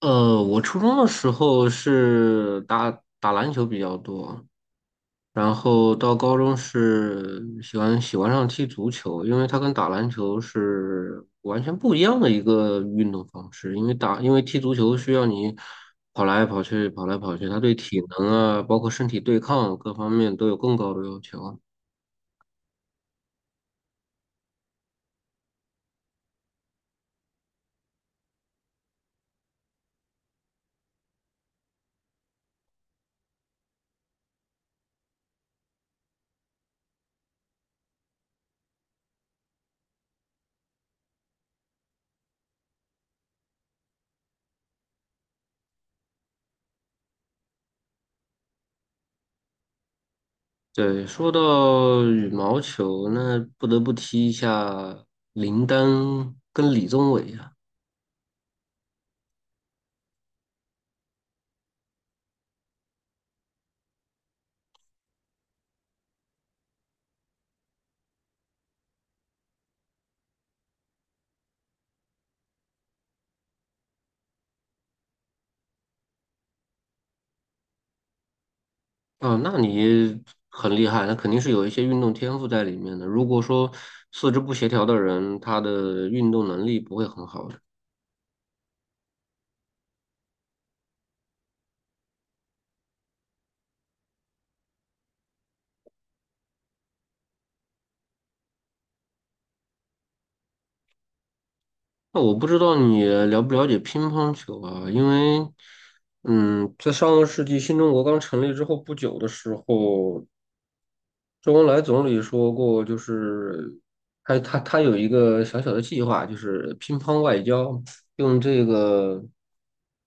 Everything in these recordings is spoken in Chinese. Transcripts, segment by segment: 我初中的时候是打篮球比较多，然后到高中是喜欢上踢足球，因为它跟打篮球是完全不一样的一个运动方式。因为踢足球需要你跑来跑去，跑来跑去，它对体能啊，包括身体对抗各方面都有更高的要求。对，说到羽毛球，那不得不提一下林丹跟李宗伟啊。啊，那你很厉害，那肯定是有一些运动天赋在里面的。如果说四肢不协调的人，他的运动能力不会很好的。那我不知道你了不了解乒乓球啊？因为，在上个世纪新中国刚成立之后不久的时候，周恩来总理说过，就是他有一个小小的计划，就是乒乓外交，用这个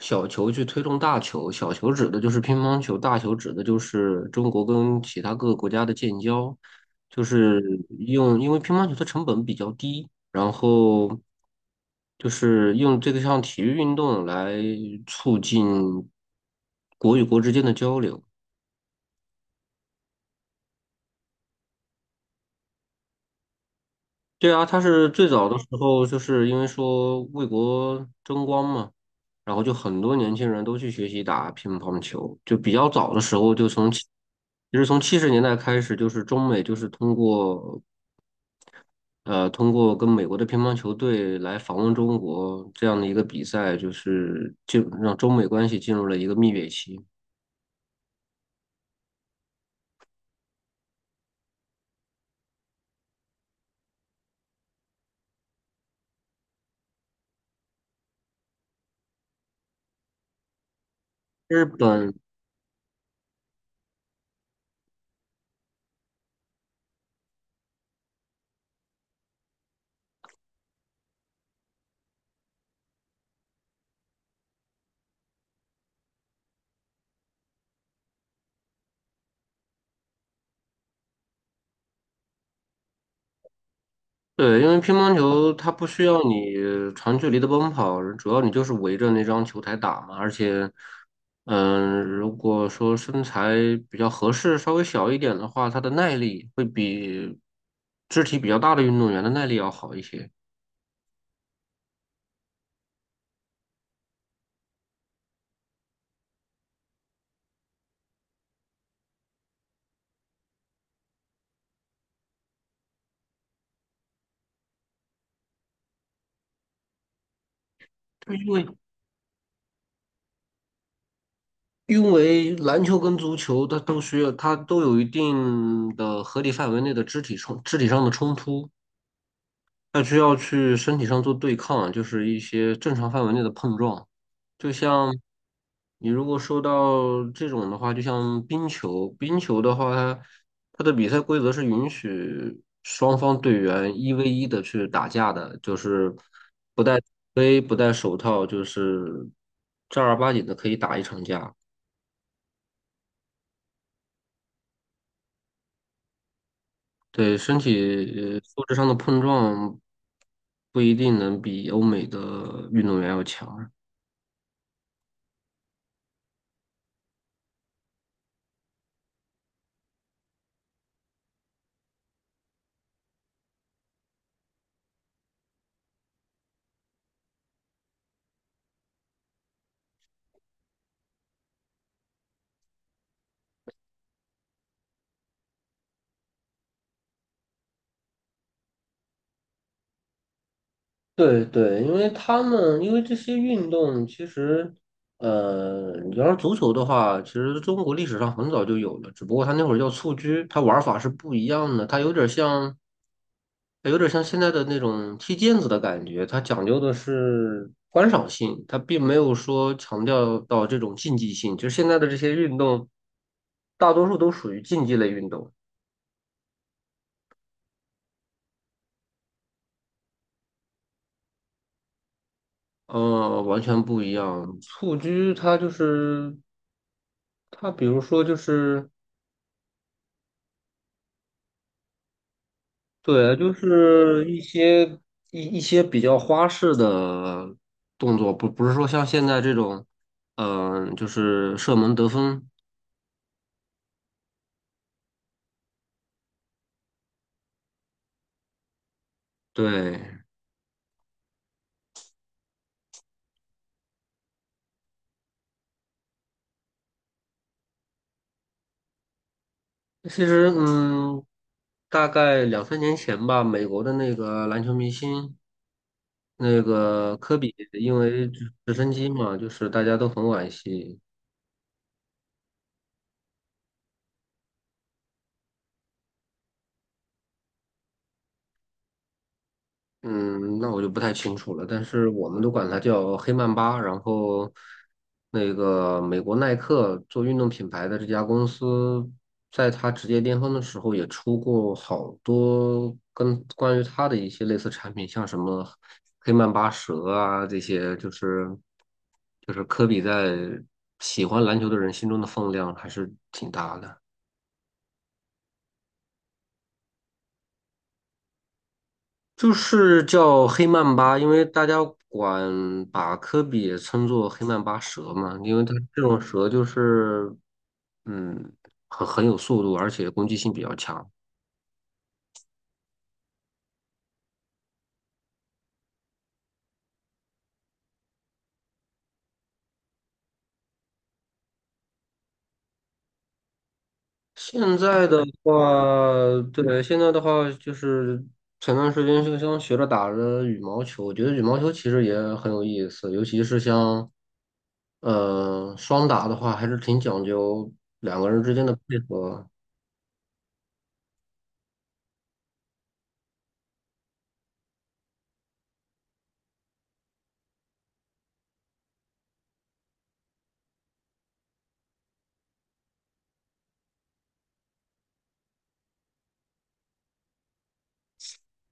小球去推动大球。小球指的就是乒乓球，大球指的就是中国跟其他各个国家的建交。就是因为乒乓球的成本比较低，然后就是用这个项体育运动来促进国与国之间的交流。对啊，他是最早的时候，就是因为说为国争光嘛，然后就很多年轻人都去学习打乒乓球，就比较早的时候，就从其其实从70年代开始，就是中美就是通过跟美国的乒乓球队来访问中国这样的一个比赛，就是让中美关系进入了一个蜜月期。日本。对，因为乒乓球它不需要你长距离的奔跑，主要你就是围着那张球台打嘛。而且，如果说身材比较合适，稍微小一点的话，它的耐力会比肢体比较大的运动员的耐力要好一些。对，因为篮球跟足球它都需要，它都有一定的合理范围内的肢体上的冲突。那需要去身体上做对抗，就是一些正常范围内的碰撞。就像你如果说到这种的话，就像冰球，冰球的话，它的比赛规则是允许双方队员1v1的去打架的，就是不戴杯、不戴手套，就是正儿八经的可以打一场架。对，身体素质上的碰撞不一定能比欧美的运动员要强。对对，因为他们因为这些运动，其实，你要是足球的话，其实中国历史上很早就有了，只不过它那会儿叫蹴鞠，它玩法是不一样的，它有点像现在的那种踢毽子的感觉，它讲究的是观赏性，它并没有说强调到这种竞技性，就是现在的这些运动，大多数都属于竞技类运动。完全不一样。蹴鞠它就是它，比如说就是对，就是一些一些比较花式的动作，不是说像现在这种，就是射门得分。对，其实大概两三年前吧，美国的那个篮球明星。那个科比因为直升机嘛，就是大家都很惋惜，嗯，那我就不太清楚了，但是我们都管它叫黑曼巴。然后，那个美国耐克做运动品牌的这家公司，在它职业巅峰的时候，也出过好多跟关于它的一些类似产品，像什么黑曼巴蛇啊这些，就是科比在喜欢篮球的人心中的分量还是挺大的。就是叫黑曼巴，因为大家管把科比也称作黑曼巴蛇嘛，因为它这种蛇就是，嗯，很有速度，而且攻击性比较强。现在的话，对，现在的话就是前段时间就像学着打着羽毛球，我觉得羽毛球其实也很有意思，尤其是像，双打的话，还是挺讲究两个人之间的配合。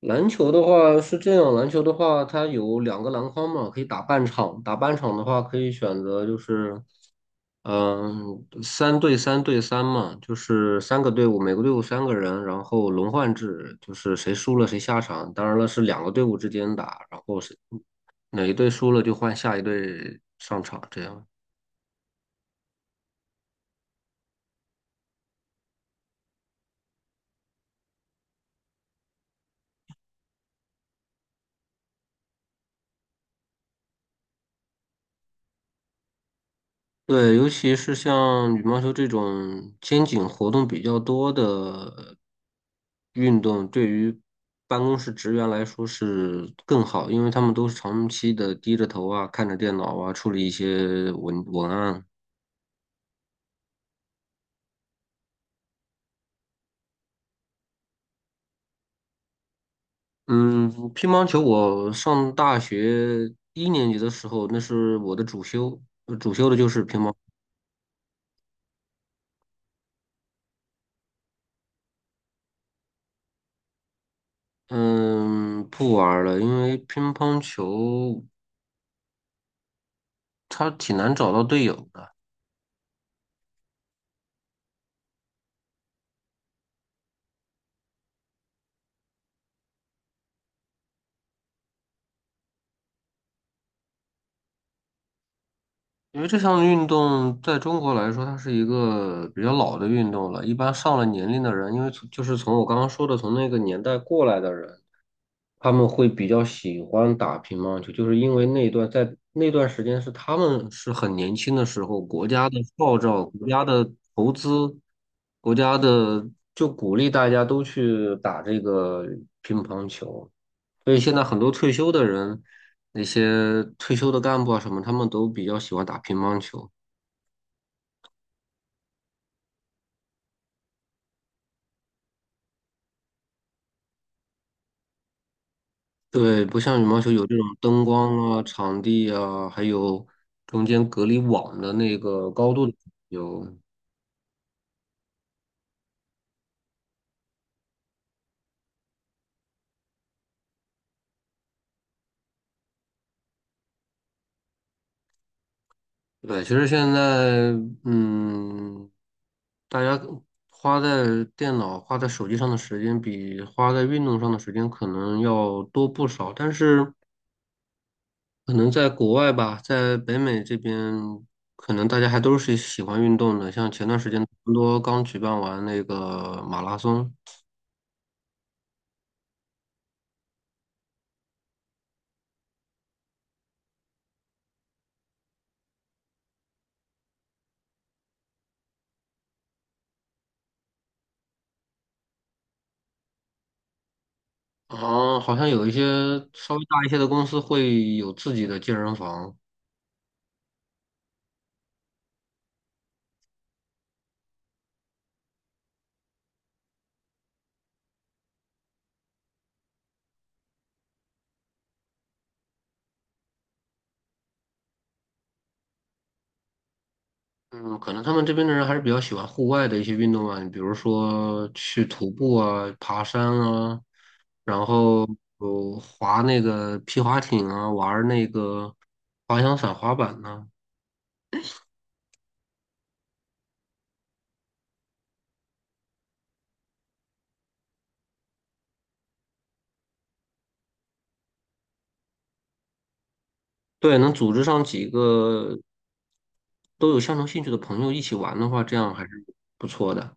篮球的话是这样，篮球的话它有两个篮筐嘛，可以打半场。打半场的话可以选择就是，3对3对3嘛，就是三个队伍，每个队伍三个人，然后轮换制，就是谁输了谁下场。当然了，是两个队伍之间打，然后是哪一队输了就换下一队上场，这样。对，尤其是像羽毛球这种肩颈活动比较多的运动，对于办公室职员来说是更好，因为他们都是长期的低着头啊，看着电脑啊，处理一些文案。嗯，乒乓球我上大学一年级的时候，那是我的主修，主修的就是乒乓。嗯，不玩儿了，因为乒乓球它挺难找到队友的。因为这项运动在中国来说，它是一个比较老的运动了。一般上了年龄的人，因为从就是从我刚刚说的从那个年代过来的人，他们会比较喜欢打乒乓球，就是因为那段在那段时间是他们是很年轻的时候，国家的号召、国家的投资、国家的就鼓励大家都去打这个乒乓球。所以现在很多退休的人，那些退休的干部啊什么，他们都比较喜欢打乒乓球。对，不像羽毛球有这种灯光啊、场地啊，还有中间隔离网的那个高度的有。对，其实现在，嗯，大家花在电脑、花在手机上的时间，比花在运动上的时间可能要多不少。但是，可能在国外吧，在北美这边，可能大家还都是喜欢运动的。像前段时间，多刚举办完那个马拉松。哦，好像有一些稍微大一些的公司会有自己的健身房。嗯，可能他们这边的人还是比较喜欢户外的一些运动啊，你比如说去徒步啊、爬山啊，然后有滑那个皮划艇啊，玩儿那个滑翔伞、滑板呐。对，能组织上几个都有相同兴趣的朋友一起玩的话，这样还是不错的。